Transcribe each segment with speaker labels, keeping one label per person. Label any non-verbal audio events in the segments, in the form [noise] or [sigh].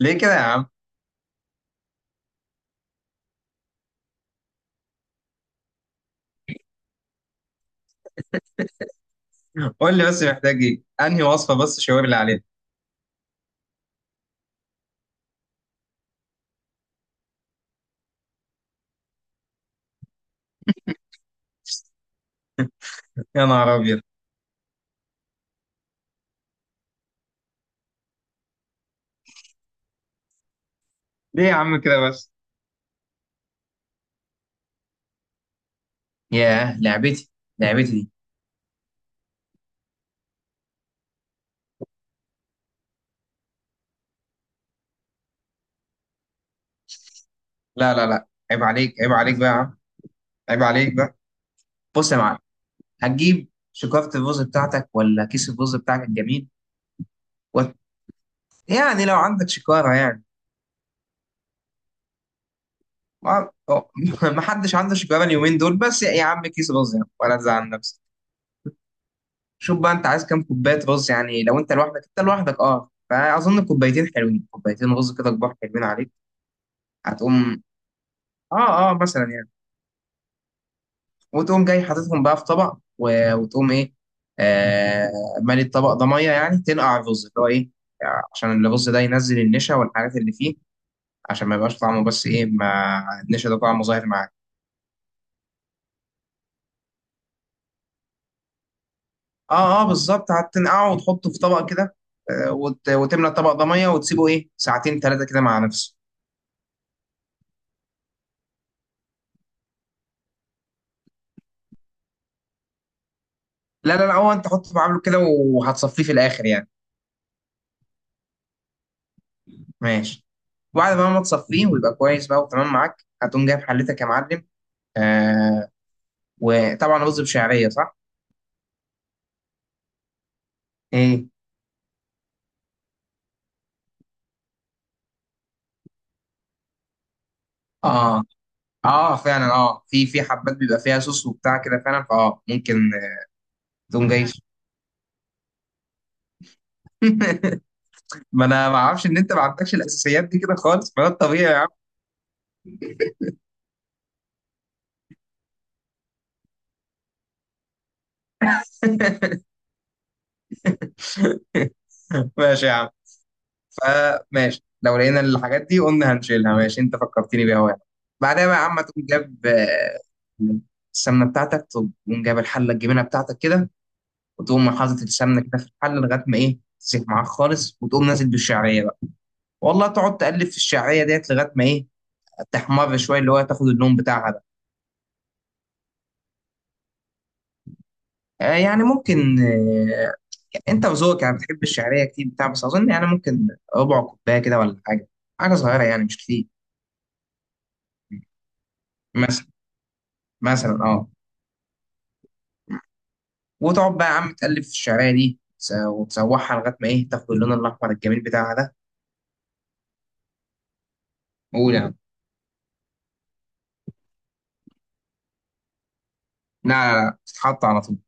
Speaker 1: ليه كده يا عم؟ قول لي بس محتاج ايه، انهي وصفه بس شاور لي عليها. يا نهار ابيض! ليه يا عم كده بس؟ ياه لعبتي، لعبتي دي. لا لا لا، عيب عليك، عيب عليك بقى يا عم. عيب عليك بقى. بص يا معلم. هتجيب شكارة الرز بتاعتك ولا كيس الرز بتاعك الجميل؟ وت... يعني لو عندك شكارة يعني. ما أو- [laughs] ما حدش عنده شكارة اليومين دول، بس يا عم كيس رز يعني ولا تزعل نفسك. شوف بقى، انت عايز كام كوباية رز؟ يعني لو انت لوحدك، فاظن كوبايتين حلوين، كوبايتين رز كده كبار حلوين عليك. هتقوم اه مثلا يعني، وتقوم جاي حاططهم بقى في طبق وتقوم ايه، آه مالي الطبق ده ميه، يعني تنقع الرز اللي هو ايه، عشان الرز ده ينزل النشا والحاجات اللي فيه، عشان ما يبقاش طعمه، بس ايه، ما النشا ده طعمه ظاهر معاك. اه اه، بالظبط، هتنقعه وتحطه في طبق كده. وتملى الطبق ده ميه وتسيبه ايه ساعتين ثلاثه كده مع نفسه. لا لا لا، هو انت حطه بعامله كده وهتصفيه في الاخر يعني. ماشي. وبعد بقى ما تصفيه ويبقى كويس بقى وتمام معاك، هتقوم جايب حلتك يا معلم، آه، وطبعا رز بشعريه صح؟ امم. اه اه، فعلا، في حبات بيبقى فيها صوص وبتاع كده فعلا، فاه ممكن. تقوم جاي. [laughs] ما انا ما اعرفش ان انت ما عندكش الاساسيات دي كده خالص، فده الطبيعي يا عم. [laughs] ماشي يا عم. فماشي لو لقينا الحاجات دي قلنا هنشيلها، ماشي، انت فكرتني بيها وانا. بعدها بقى يا عم تقوم جاب السمنه بتاعتك، تقوم جايب الحله الجبنه بتاعتك كده، وتقوم حاطط السمنه كده في الحله لغايه ما ايه تسيح معاك خالص، وتقوم نازل بالشعريه بقى. والله تقعد تقلب في الشعريه ديت لغايه ما ايه تحمر شويه، اللي هو تاخد اللون بتاعها ده. يعني ممكن. انت وذوقك يعني، بتحب الشعريه كتير بتاع، بس اظن يعني ممكن ربع كوبايه كده ولا حاجه، حاجه صغيره يعني مش كتير. مثلا، مثلا اه. وتقعد بقى يا عم تقلب في الشعريه دي وتسوحها لغايه ما ايه تاخد اللون الاحمر الجميل بتاعها ده. قول يعني. لا لا لا، تتحط على طول.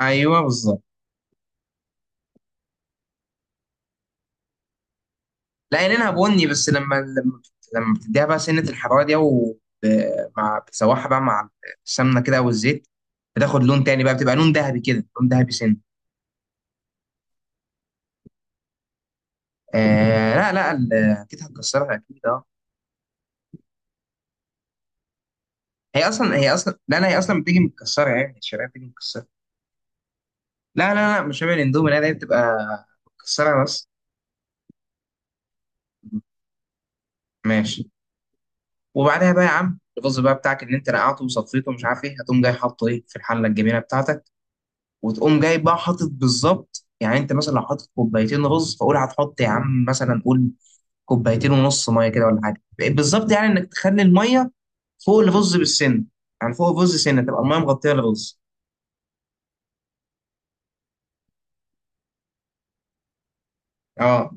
Speaker 1: ايوه بالظبط. لا عينينها بني، بس لما بتديها بقى سنة الحرارة دي ومع بتسوحها بقى مع السمنة كده والزيت، بتاخد لون تاني بقى، بتبقى لون ذهبي كده، لون ذهبي سن. آه لا لا، اكيد هتكسرها اكيد اه. هي اصلا هي اصلا لا لا، هي اصلا بتيجي متكسرة، يعني الشرقية بتيجي متكسرة. لا لا لا، مش شبه الاندومي، لا لا، هي بتبقى متكسرة بس. ماشي. وبعدها بقى يا عم الرز بقى بتاعك اللي انت نقعته وصفيته ومش عارف ايه، هتقوم جاي حاطه ايه في الحلة الجميلة بتاعتك، وتقوم جاي بقى حاطط بالظبط، يعني انت مثلا لو حاطط كوبايتين رز فقول هتحط يا عم مثلا، قول كوبايتين ونص ميه كده ولا حاجه، بالظبط يعني انك تخلي الميه فوق الرز بالسن، يعني فوق الرز سنه تبقى الميه مغطيه الرز. اه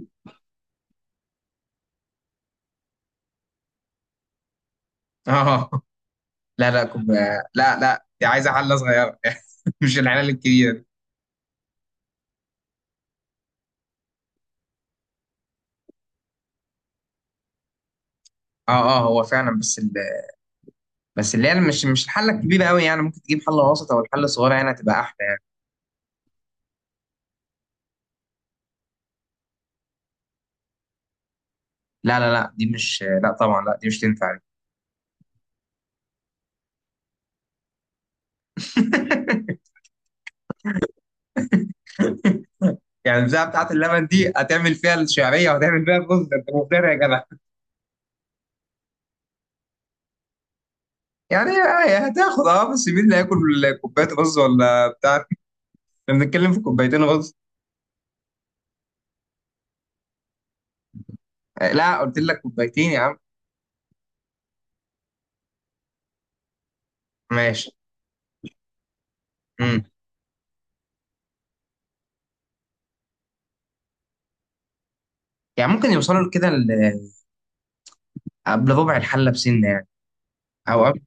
Speaker 1: اه. لا لا كوب... لا لا، دي عايزه حله صغيره، [laughs] مش الحله الكبيره دي. اه اه، هو فعلا بس بس اللي هي مش الحله الكبيره قوي، يعني ممكن تجيب حله وسط او الحله الصغيره، يعني هتبقى احلى. لا لا لا، دي مش، لا طبعا، لا دي مش تنفع. يعني البتاعه بتاعت اللبن دي هتعمل فيها الشعريه وهتعمل فيها الرز ده، انت مفتري يا جدع. يعني هتاخد اه، بس مين اللي هياكل كوبايه رز ولا بتاع، احنا بنتكلم في كوبايتين رز. لا قلت لك كوبايتين يا عم. ماشي. امم. يعني ممكن يوصلوا كده قبل ربع الحله بسنه يعني، او قبل.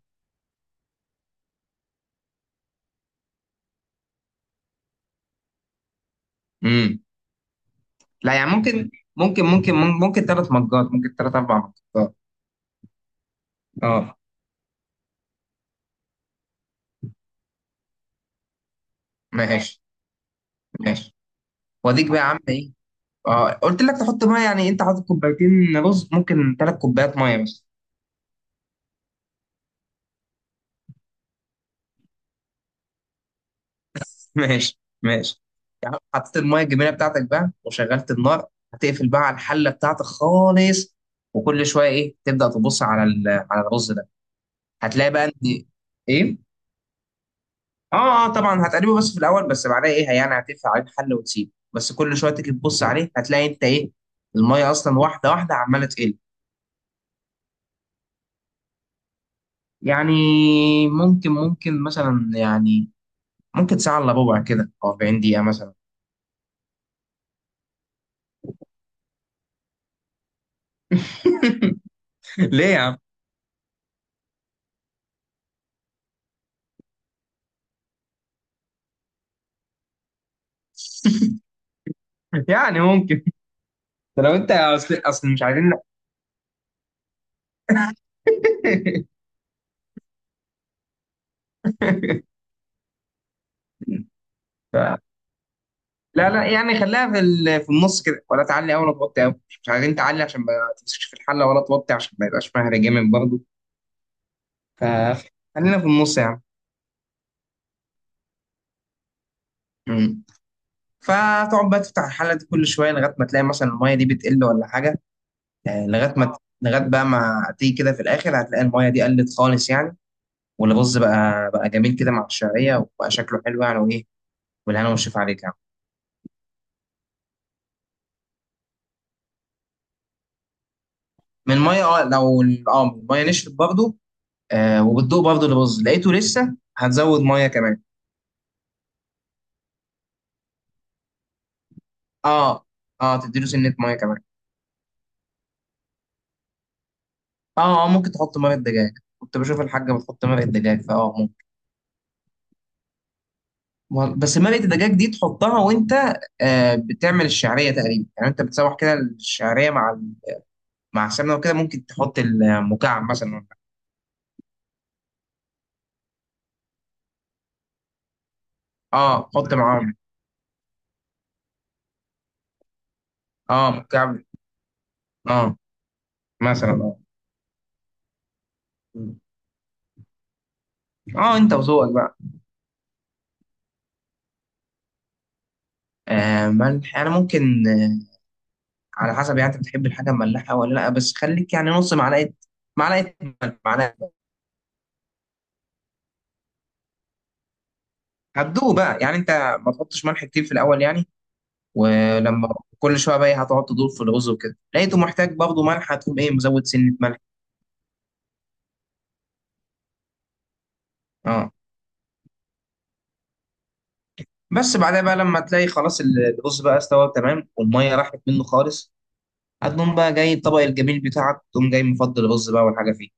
Speaker 1: امم. لا يعني ممكن 3 مجات، ممكن ثلاث اربع مجات. اه ماشي ماشي. واديك بقى يا عم ايه، اه قلت لك تحط ميه، يعني انت حاطط كوبايتين رز ممكن 3 كوبايات ميه بس. [laughs] ماشي ماشي. يعني حطيت الميه الجميله بتاعتك بقى وشغلت النار، هتقفل بقى على الحله بتاعتك خالص، وكل شويه ايه تبدا تبص على على الرز ده، هتلاقي بقى ان ايه. اه اه، طبعا هتقلبه بس في الاول، بس بعدها ايه يعني هتقفل عليه الحله وتسيبه، بس كل شويه تيجي تبص عليه هتلاقي انت ايه، الميه اصلا واحده واحده عماله تقل. يعني ممكن ممكن مثلا يعني ممكن ساعه الا ربع كده او 40 دقيقه مثلا. [laughs] ليه يا عم؟ [laughs] يعني ممكن. ده لو انت اصل مش عايزين. [laughs] ف... لا لا، يعني خليها في في النص كده، ولا تعلي قوي ولا توطي قوي، مش عايزين تعلي عشان ما تمسكش في الحله، ولا توطي عشان ما يبقاش مهري جامد برضه، فخلينا في النص يعني. مم. فتقعد بقى تفتح الحله دي كل شويه لغايه ما تلاقي مثلا الميه دي بتقل ولا حاجه، لغايه ما، لغايه بقى ما تيجي كده في الاخر هتلاقي الميه دي قلت خالص يعني، والرز بقى جميل كده مع الشعريه وبقى شكله حلو يعني وايه، والهنا والشفا عليك يعني. من الميه، اه لو اه من الميه نشفت برضه، آه وبتدوق برضه اللي باظ لقيته لسه هتزود ميه كمان. اه اه، تديله سنه ميه كمان. اه اه، ممكن تحط مرقه دجاج، كنت بشوف الحاجه بتحط مرقه دجاج فاه ممكن. بس مرقه الدجاج دي تحطها وانت آه بتعمل الشعريه تقريبا، يعني انت بتسوح كده الشعريه مع مع السمنه وكده، ممكن تحط المكعب مثلا. اه حط معاهم. اه مكعب، اه، مثلا اه. اه انت وذوقك بقى. آه ملح، انا ممكن على حسب، يعني انت بتحب الحاجه مملحه ولا لا، بس خليك يعني نص معلقه، معلقه ملح، معلقه. هتدوق بقى، يعني انت ما تحطش ملح كتير في الاول يعني. ولما كل شويه بقى إيه، هتقعد تدور في الرز وكده، لقيته محتاج برضه ملح هتقوم ايه مزود سنه ملح. اه بس بعدها بقى لما تلاقي خلاص الرز بقى استوى تمام والميه راحت منه خالص، هتقوم بقى جاي الطبق الجميل بتاعك، تقوم جاي مفضل الرز بقى والحاجه فيه.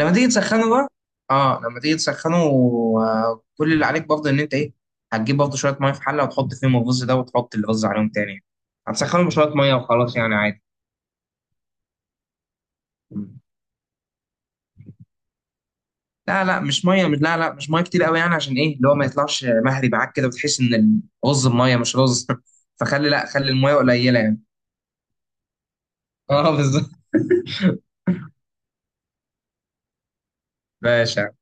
Speaker 1: لما تيجي تسخنه بقى، اه لما تيجي تسخنه كل اللي عليك برضه ان انت ايه، هتجيب برضه شويه ميه في حله وتحط فيهم الرز ده وتحط الرز عليهم تاني، هتسخنه بشويه ميه وخلاص يعني عادي. لا لا، مش ميه، مش، لا لا، مش ميه كتير قوي، يعني عشان ايه اللي هو ما يطلعش مهري معاك كده، وتحس ان الرز بميه مش رز. [laughs] فخلي، لا خلي الميه قليله يعني. اه بالظبط. باشا.